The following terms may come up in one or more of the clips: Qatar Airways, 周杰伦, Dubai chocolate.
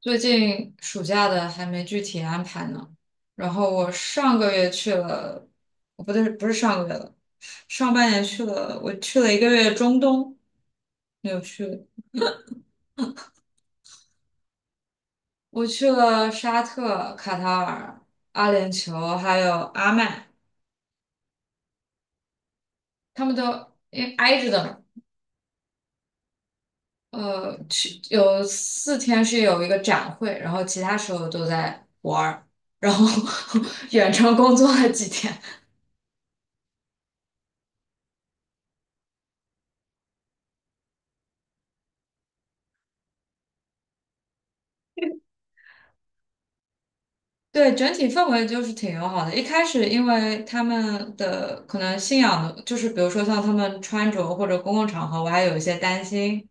最近暑假的还没具体安排呢。然后我上个月去了，哦不对，不是上个月了，上半年去了，我去了1个月中东，没有去。我去了沙特、卡塔尔、阿联酋，还有阿曼，他们都因为挨着的嘛。去有4天是有一个展会，然后其他时候都在玩儿，然后 远程工作了几天。对，整体氛围就是挺友好的。一开始，因为他们的可能信仰的，就是比如说像他们穿着或者公共场合，我还有一些担心。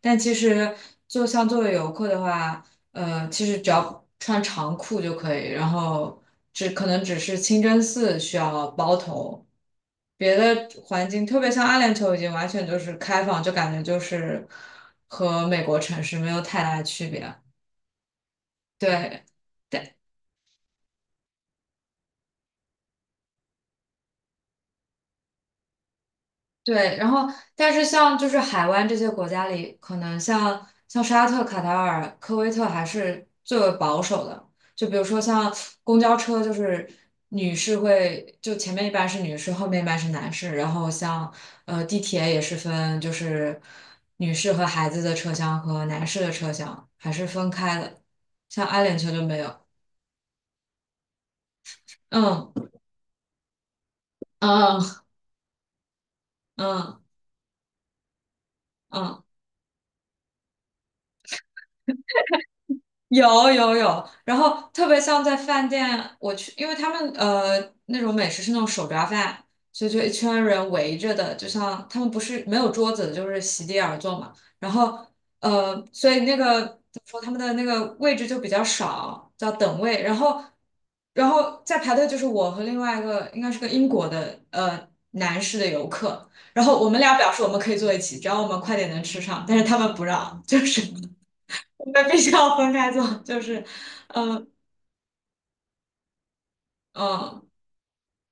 但其实，就像作为游客的话，其实只要穿长裤就可以，然后可能只是清真寺需要包头，别的环境，特别像阿联酋已经完全就是开放，就感觉就是和美国城市没有太大的区别。对。对，然后但是像就是海湾这些国家里，可能像沙特、卡塔尔、科威特还是最为保守的。就比如说像公交车，就是女士会就前面一半是女士，后面一半是男士。然后像地铁也是分就是女士和孩子的车厢和男士的车厢还是分开的，像阿联酋就没有。嗯嗯嗯嗯。有有有，然后特别像在饭店，我去，因为他们那种美食是那种手抓饭，所以就一圈人围着的，就像他们不是没有桌子，就是席地而坐嘛。然后所以那个怎么说，他们的那个位置就比较少，叫等位。然后在排队就是我和另外一个应该是个英国的男士的游客，然后我们俩表示我们可以坐一起，只要我们快点能吃上，但是他们不让，就是。我们必须要分开坐，就是嗯嗯，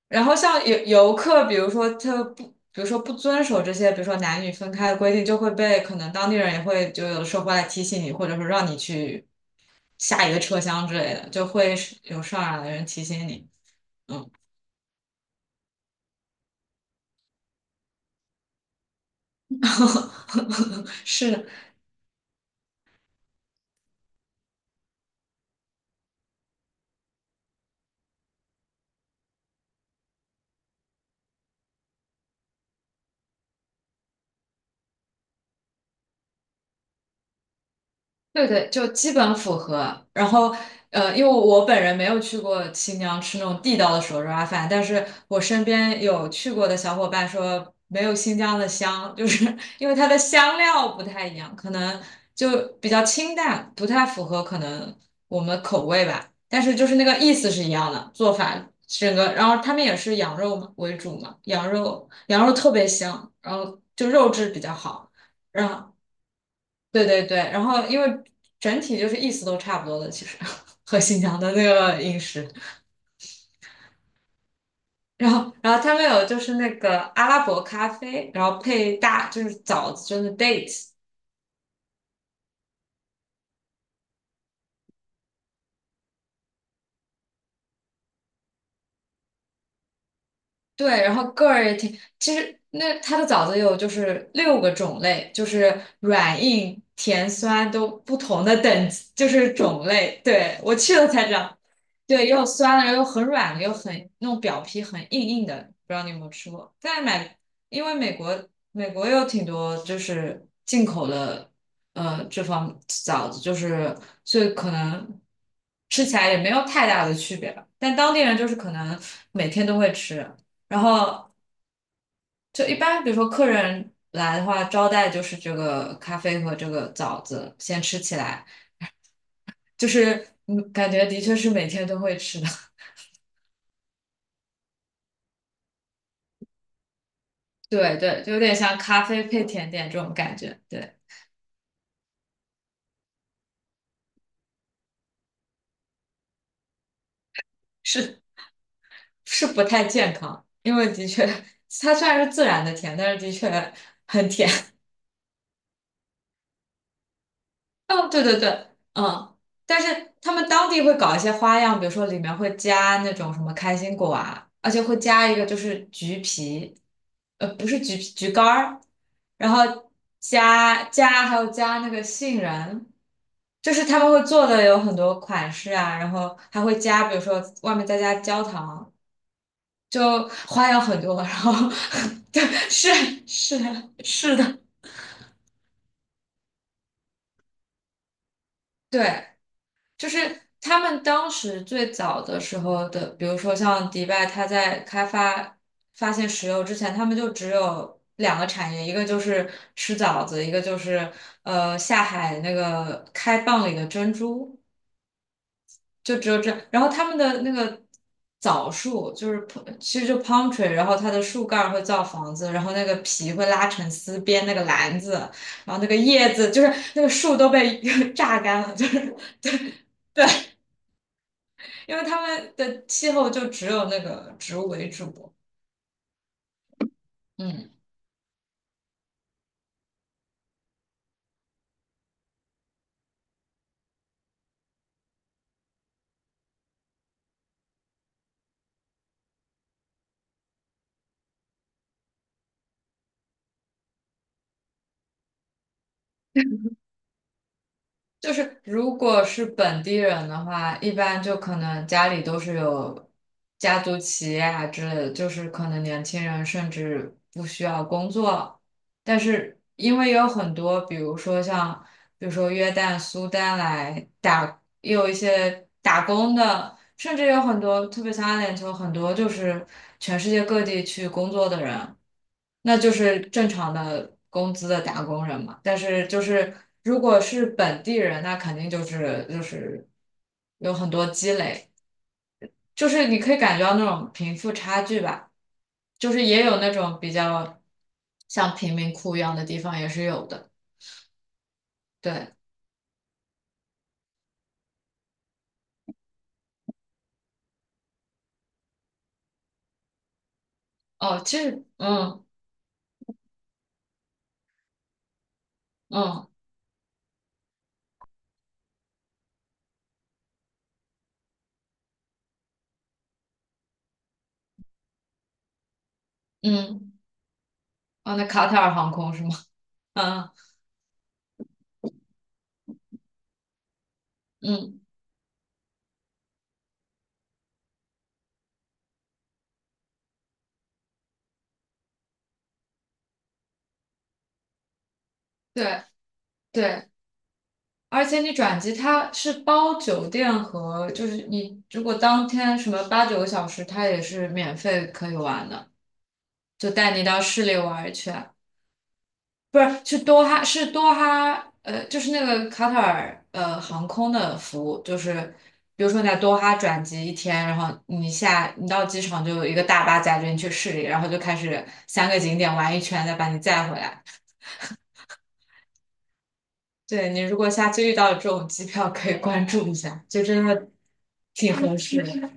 然后像游客，比如说不遵守这些，比如说男女分开的规定，就会被可能当地人也会就有的时候会来提醒你，或者说让你去下一个车厢之类的，就会是有上来的人提醒你。嗯，是的，对对，就基本符合。然后，因为我本人没有去过新疆吃那种地道的手抓饭，但是我身边有去过的小伙伴说，没有新疆的香，就是因为它的香料不太一样，可能就比较清淡，不太符合可能我们口味吧。但是就是那个意思是一样的，做法整个，然后他们也是羊肉嘛为主嘛，羊肉羊肉特别香，然后就肉质比较好。对对对，然后因为整体就是意思都差不多的，其实 和新疆的那个饮食，然后他们有就是那个阿拉伯咖啡，然后配大就是枣子，就是 dates，对，然后个儿也挺，其实那它的枣子有就是6个种类，就是软硬甜酸都不同的等级，就是种类。对，我去了才知道，对，又酸了，又很软了，又很那种表皮很硬硬的，不知道你有没有吃过？在买，因为美国有挺多就是进口的，这方枣子就是，所以可能吃起来也没有太大的区别吧。但当地人就是可能每天都会吃。然后就一般，比如说客人来的话，招待就是这个咖啡和这个枣子先吃起来，就是嗯，感觉的确是每天都会吃的。对对，就有点像咖啡配甜点这种感觉。对，是是不太健康，因为的确它虽然是自然的甜，但是的确很甜。哦，对对对，嗯，但是他们当地会搞一些花样，比如说里面会加那种什么开心果啊，而且会加一个就是橘皮，呃，不是橘皮，橘干儿，然后加还有加那个杏仁，就是他们会做的有很多款式啊，然后还会加，比如说外面再加焦糖，就花样很多，然后 对，是是是的，对，就是他们当时最早的时候的，比如说像迪拜，他在发现石油之前，他们就只有2个产业，一个就是吃枣子，一个就是下海那个开蚌里的珍珠，就只有这。然后他们的那个枣树就是 其实就 palm tree，然后它的树干儿会造房子，然后那个皮会拉成丝编那个篮子，然后那个叶子就是那个树都被 榨干了，就是 对。对，因为他们的气候就只有那个植物为主，嗯，就是如果是本地人的话，一般就可能家里都是有家族企业啊之类的，就是可能年轻人甚至不需要工作，但是因为有很多，比如说约旦、苏丹来打，也有一些打工的。甚至有很多，特别像阿联酋，很多就是全世界各地去工作的人，那就是正常的工资的打工人嘛。但是就是如果是本地人，那肯定就是有很多积累，就是你可以感觉到那种贫富差距吧。就是也有那种比较像贫民窟一样的地方也是有的。对，哦，其实，嗯嗯嗯，哦，那卡塔尔航空是吗？嗯嗯，对。对，而且你转机它是包酒店和，就是你如果当天什么8、9个小时，它也是免费可以玩的，就带你到市里玩一圈。不是，去多哈，是多哈，就是那个卡塔尔航空的服务，就是比如说你在多哈转机一天，然后你到机场就有一个大巴载着你去市里，然后就开始3个景点玩一圈，再把你载回来。对，你如果下次遇到这种机票，可以关注一下，就真的挺合适的。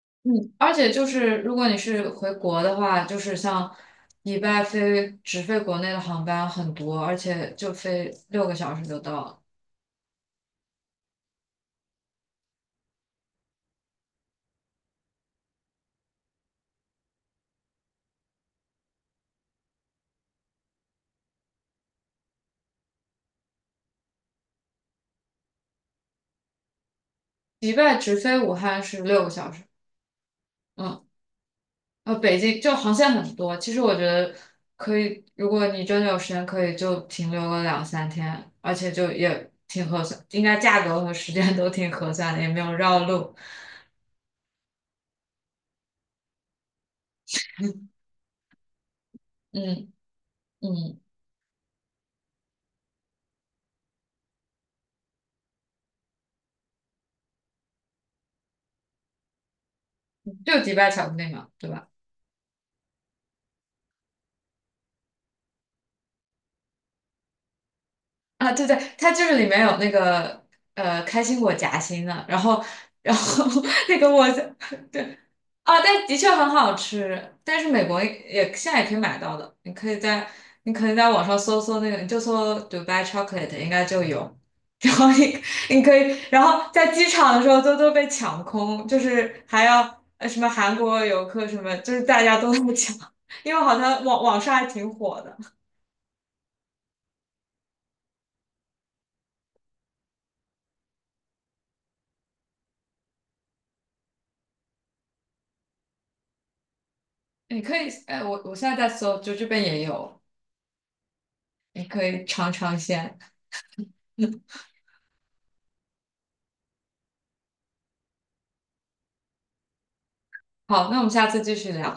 嗯，而且就是如果你是回国的话，就是像迪拜飞直飞国内的航班很多，而且就飞六个小时就到了。迪拜直飞武汉是六个小时，嗯，北京就航线很多。其实我觉得可以，如果你真的有时间，可以就停留个2、3天，而且就也挺合算，应该价格和时间都挺合算的，也没有绕路。嗯嗯，就迪拜巧克力嘛，对吧？啊，对对，它就是里面有那个开心果夹心的，然后 那个我对啊，但的确很好吃，但是美国也现在也可以买到的，你可以在网上搜搜那个，你就搜 Dubai chocolate 应该就有。然后你可以，然后在机场的时候都被抢空，就是还要什么韩国游客什么，就是大家都那么抢，因为好像网上还挺火的。你可以，哎，我现在在搜，就这边也有，你可以尝尝鲜。好，那我们下次继续聊。